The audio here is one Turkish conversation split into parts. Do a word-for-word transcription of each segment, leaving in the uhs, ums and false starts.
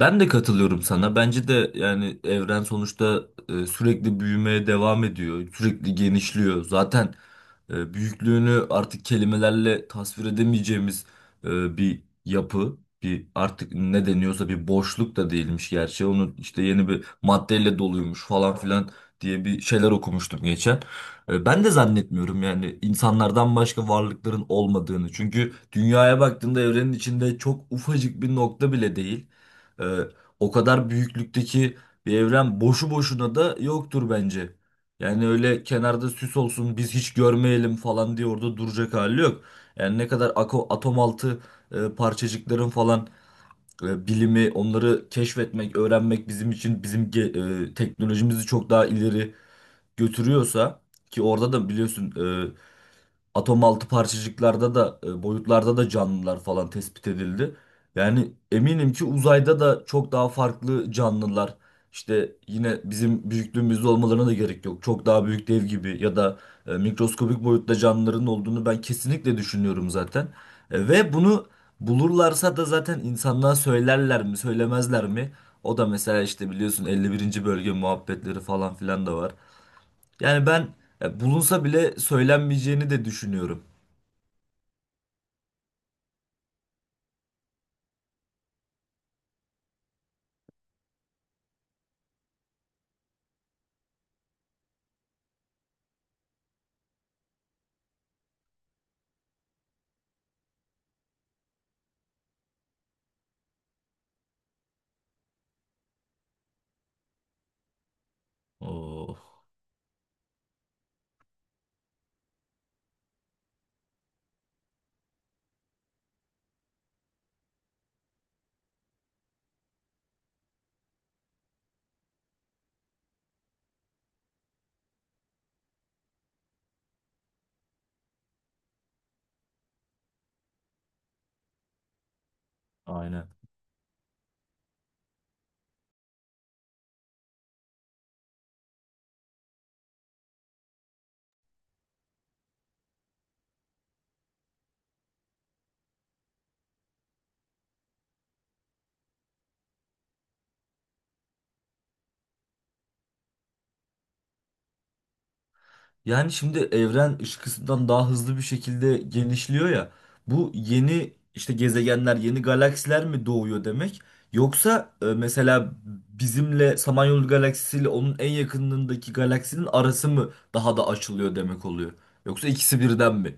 Ben de katılıyorum sana. Bence de yani evren sonuçta e, sürekli büyümeye devam ediyor. Sürekli genişliyor. Zaten e, büyüklüğünü artık kelimelerle tasvir edemeyeceğimiz e, bir yapı. Bir artık ne deniyorsa bir boşluk da değilmiş gerçi. Onun işte yeni bir maddeyle doluymuş falan filan diye bir şeyler okumuştum geçen. E, Ben de zannetmiyorum yani insanlardan başka varlıkların olmadığını. Çünkü dünyaya baktığında evrenin içinde çok ufacık bir nokta bile değil. E, O kadar büyüklükteki bir evren boşu boşuna da yoktur bence. Yani öyle kenarda süs olsun biz hiç görmeyelim falan diye orada duracak hali yok. Yani ne kadar ako- atom altı e, parçacıkların falan e, bilimi onları keşfetmek, öğrenmek bizim için bizim ge- e, teknolojimizi çok daha ileri götürüyorsa ki orada da biliyorsun e, atom altı parçacıklarda da e, boyutlarda da canlılar falan tespit edildi. Yani eminim ki uzayda da çok daha farklı canlılar işte yine bizim büyüklüğümüzde olmalarına da gerek yok. Çok daha büyük dev gibi ya da e, mikroskobik boyutta canlıların olduğunu ben kesinlikle düşünüyorum zaten. E, ve bunu bulurlarsa da zaten insanlığa söylerler mi, söylemezler mi? O da mesela işte biliyorsun elli birinci bölge muhabbetleri falan filan da var. Yani ben e, bulunsa bile söylenmeyeceğini de düşünüyorum. Oh, aynen. Yani şimdi evren ışıkından daha hızlı bir şekilde genişliyor ya. Bu yeni işte gezegenler, yeni galaksiler mi doğuyor demek? Yoksa e, mesela bizimle Samanyolu galaksisiyle onun en yakınındaki galaksinin arası mı daha da açılıyor demek oluyor? Yoksa ikisi birden mi?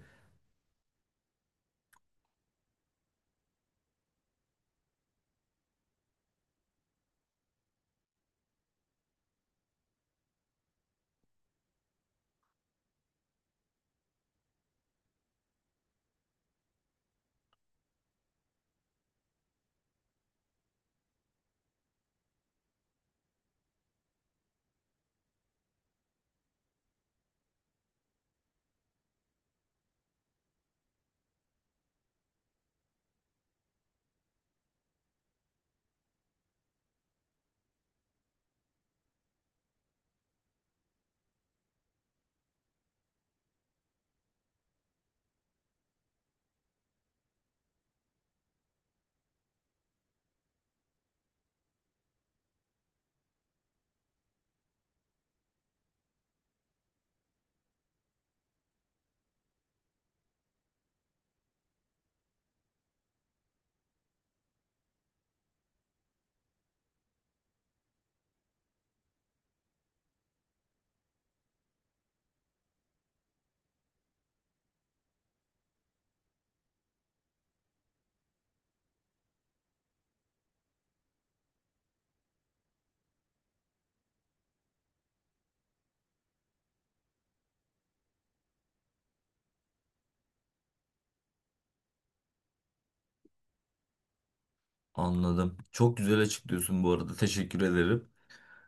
Anladım. Çok güzel açıklıyorsun bu arada. Teşekkür ederim.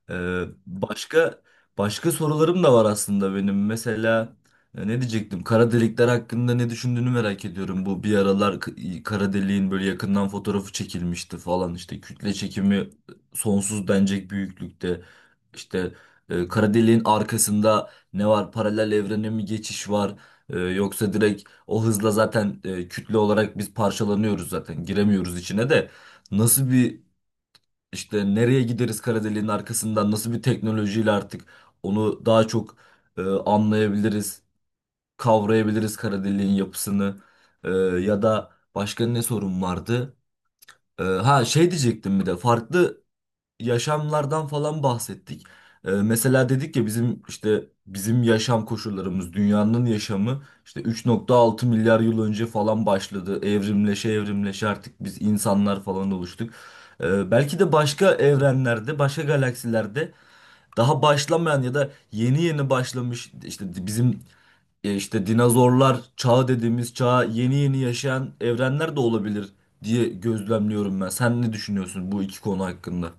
Ee, başka başka sorularım da var aslında benim. Mesela e, ne diyecektim? Kara delikler hakkında ne düşündüğünü merak ediyorum. Bu bir aralar k- kara deliğin böyle yakından fotoğrafı çekilmişti falan, işte kütle çekimi sonsuz denecek büyüklükte. İşte e, kara deliğin arkasında ne var? Paralel evrene mi geçiş var? E, yoksa direkt o hızla zaten e, kütle olarak biz parçalanıyoruz zaten. Giremiyoruz içine de. Nasıl bir işte nereye gideriz kara deliğin arkasından, nasıl bir teknolojiyle artık onu daha çok e, anlayabiliriz, kavrayabiliriz kara deliğin yapısını? E, ya da başka ne sorun vardı? E, ha, şey diyecektim, bir de farklı yaşamlardan falan bahsettik. Ee, mesela dedik ya, bizim işte bizim yaşam koşullarımız, dünyanın yaşamı işte üç nokta altı milyar yıl önce falan başladı. Evrimleşe evrimleşe artık biz insanlar falan oluştuk. Ee, belki de başka evrenlerde, başka galaksilerde daha başlamayan ya da yeni yeni başlamış, işte bizim e, işte dinozorlar çağı dediğimiz çağa yeni yeni yaşayan evrenler de olabilir diye gözlemliyorum ben. Sen ne düşünüyorsun bu iki konu hakkında?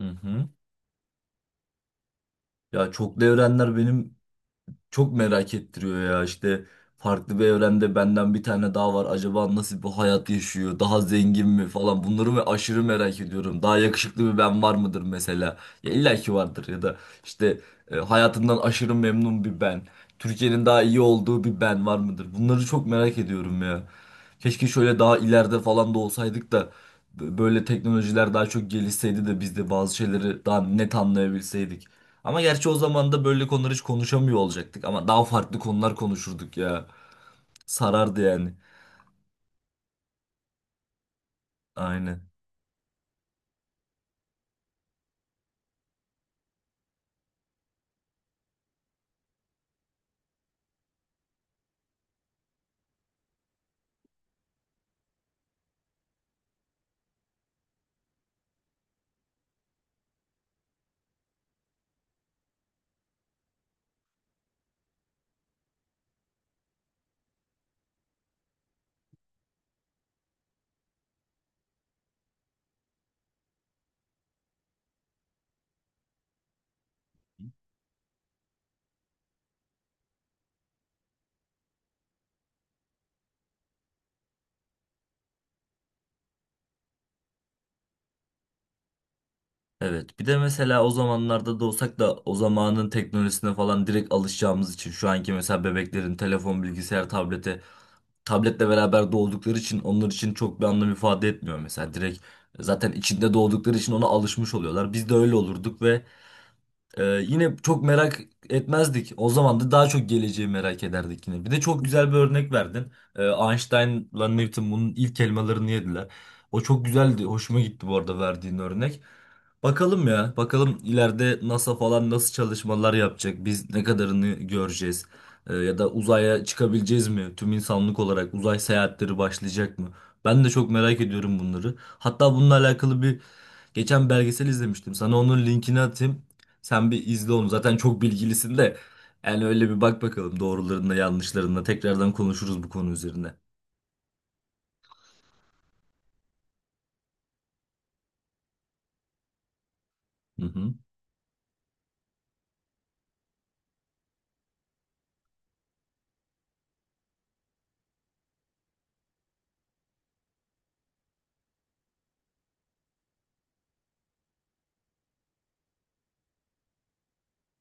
Hı hı. Ya çoklu evrenler benim çok merak ettiriyor ya. İşte farklı bir evrende benden bir tane daha var, acaba nasıl bir hayat yaşıyor, daha zengin mi falan, bunları mı aşırı merak ediyorum. Daha yakışıklı bir ben var mıdır mesela? Ya illa ki vardır, ya da işte e, hayatından aşırı memnun bir ben, Türkiye'nin daha iyi olduğu bir ben var mıdır? Bunları çok merak ediyorum ya. Keşke şöyle daha ileride falan da olsaydık da b- böyle teknolojiler daha çok gelişseydi de biz de bazı şeyleri daha net anlayabilseydik. Ama gerçi o zaman da böyle konuları hiç konuşamıyor olacaktık. Ama daha farklı konular konuşurduk ya. Sarardı yani. Aynen. Evet. Bir de mesela o zamanlarda da olsak da o zamanın teknolojisine falan direkt alışacağımız için, şu anki mesela bebeklerin telefon, bilgisayar, tablete tabletle beraber doğdukları için onlar için çok bir anlam ifade etmiyor mesela. Direkt zaten içinde doğdukları için ona alışmış oluyorlar. Biz de öyle olurduk ve Ee, yine çok merak etmezdik. O zaman da daha çok geleceği merak ederdik yine. Bir de çok güzel bir örnek verdin. Ee, Einstein'la Newton bunun ilk elmalarını yediler. O çok güzeldi. Hoşuma gitti bu arada verdiğin örnek. Bakalım ya. Bakalım ileride NASA falan nasıl çalışmalar yapacak? Biz ne kadarını göreceğiz? Ee, ya da uzaya çıkabileceğiz mi? Tüm insanlık olarak uzay seyahatleri başlayacak mı? Ben de çok merak ediyorum bunları. Hatta bununla alakalı bir geçen belgesel izlemiştim. Sana onun linkini atayım. Sen bir izle onu. Zaten çok bilgilisin de. Yani öyle bir bak bakalım doğrularında, yanlışlarında. Tekrardan konuşuruz bu konu üzerine. Hı hı.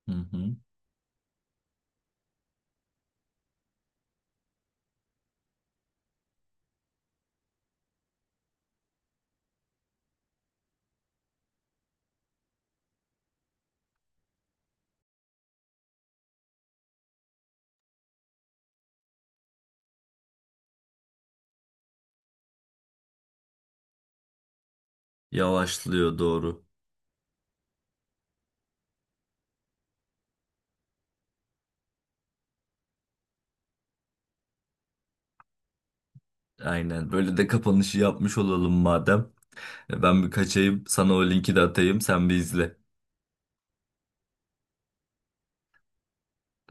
Hı hı. Yavaşlıyor, doğru. Aynen. Böyle de kapanışı yapmış olalım madem. E, Ben bir kaçayım. Sana o linki de atayım. Sen bir izle.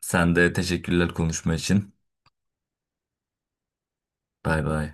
Sen de teşekkürler konuşma için. Bay bay.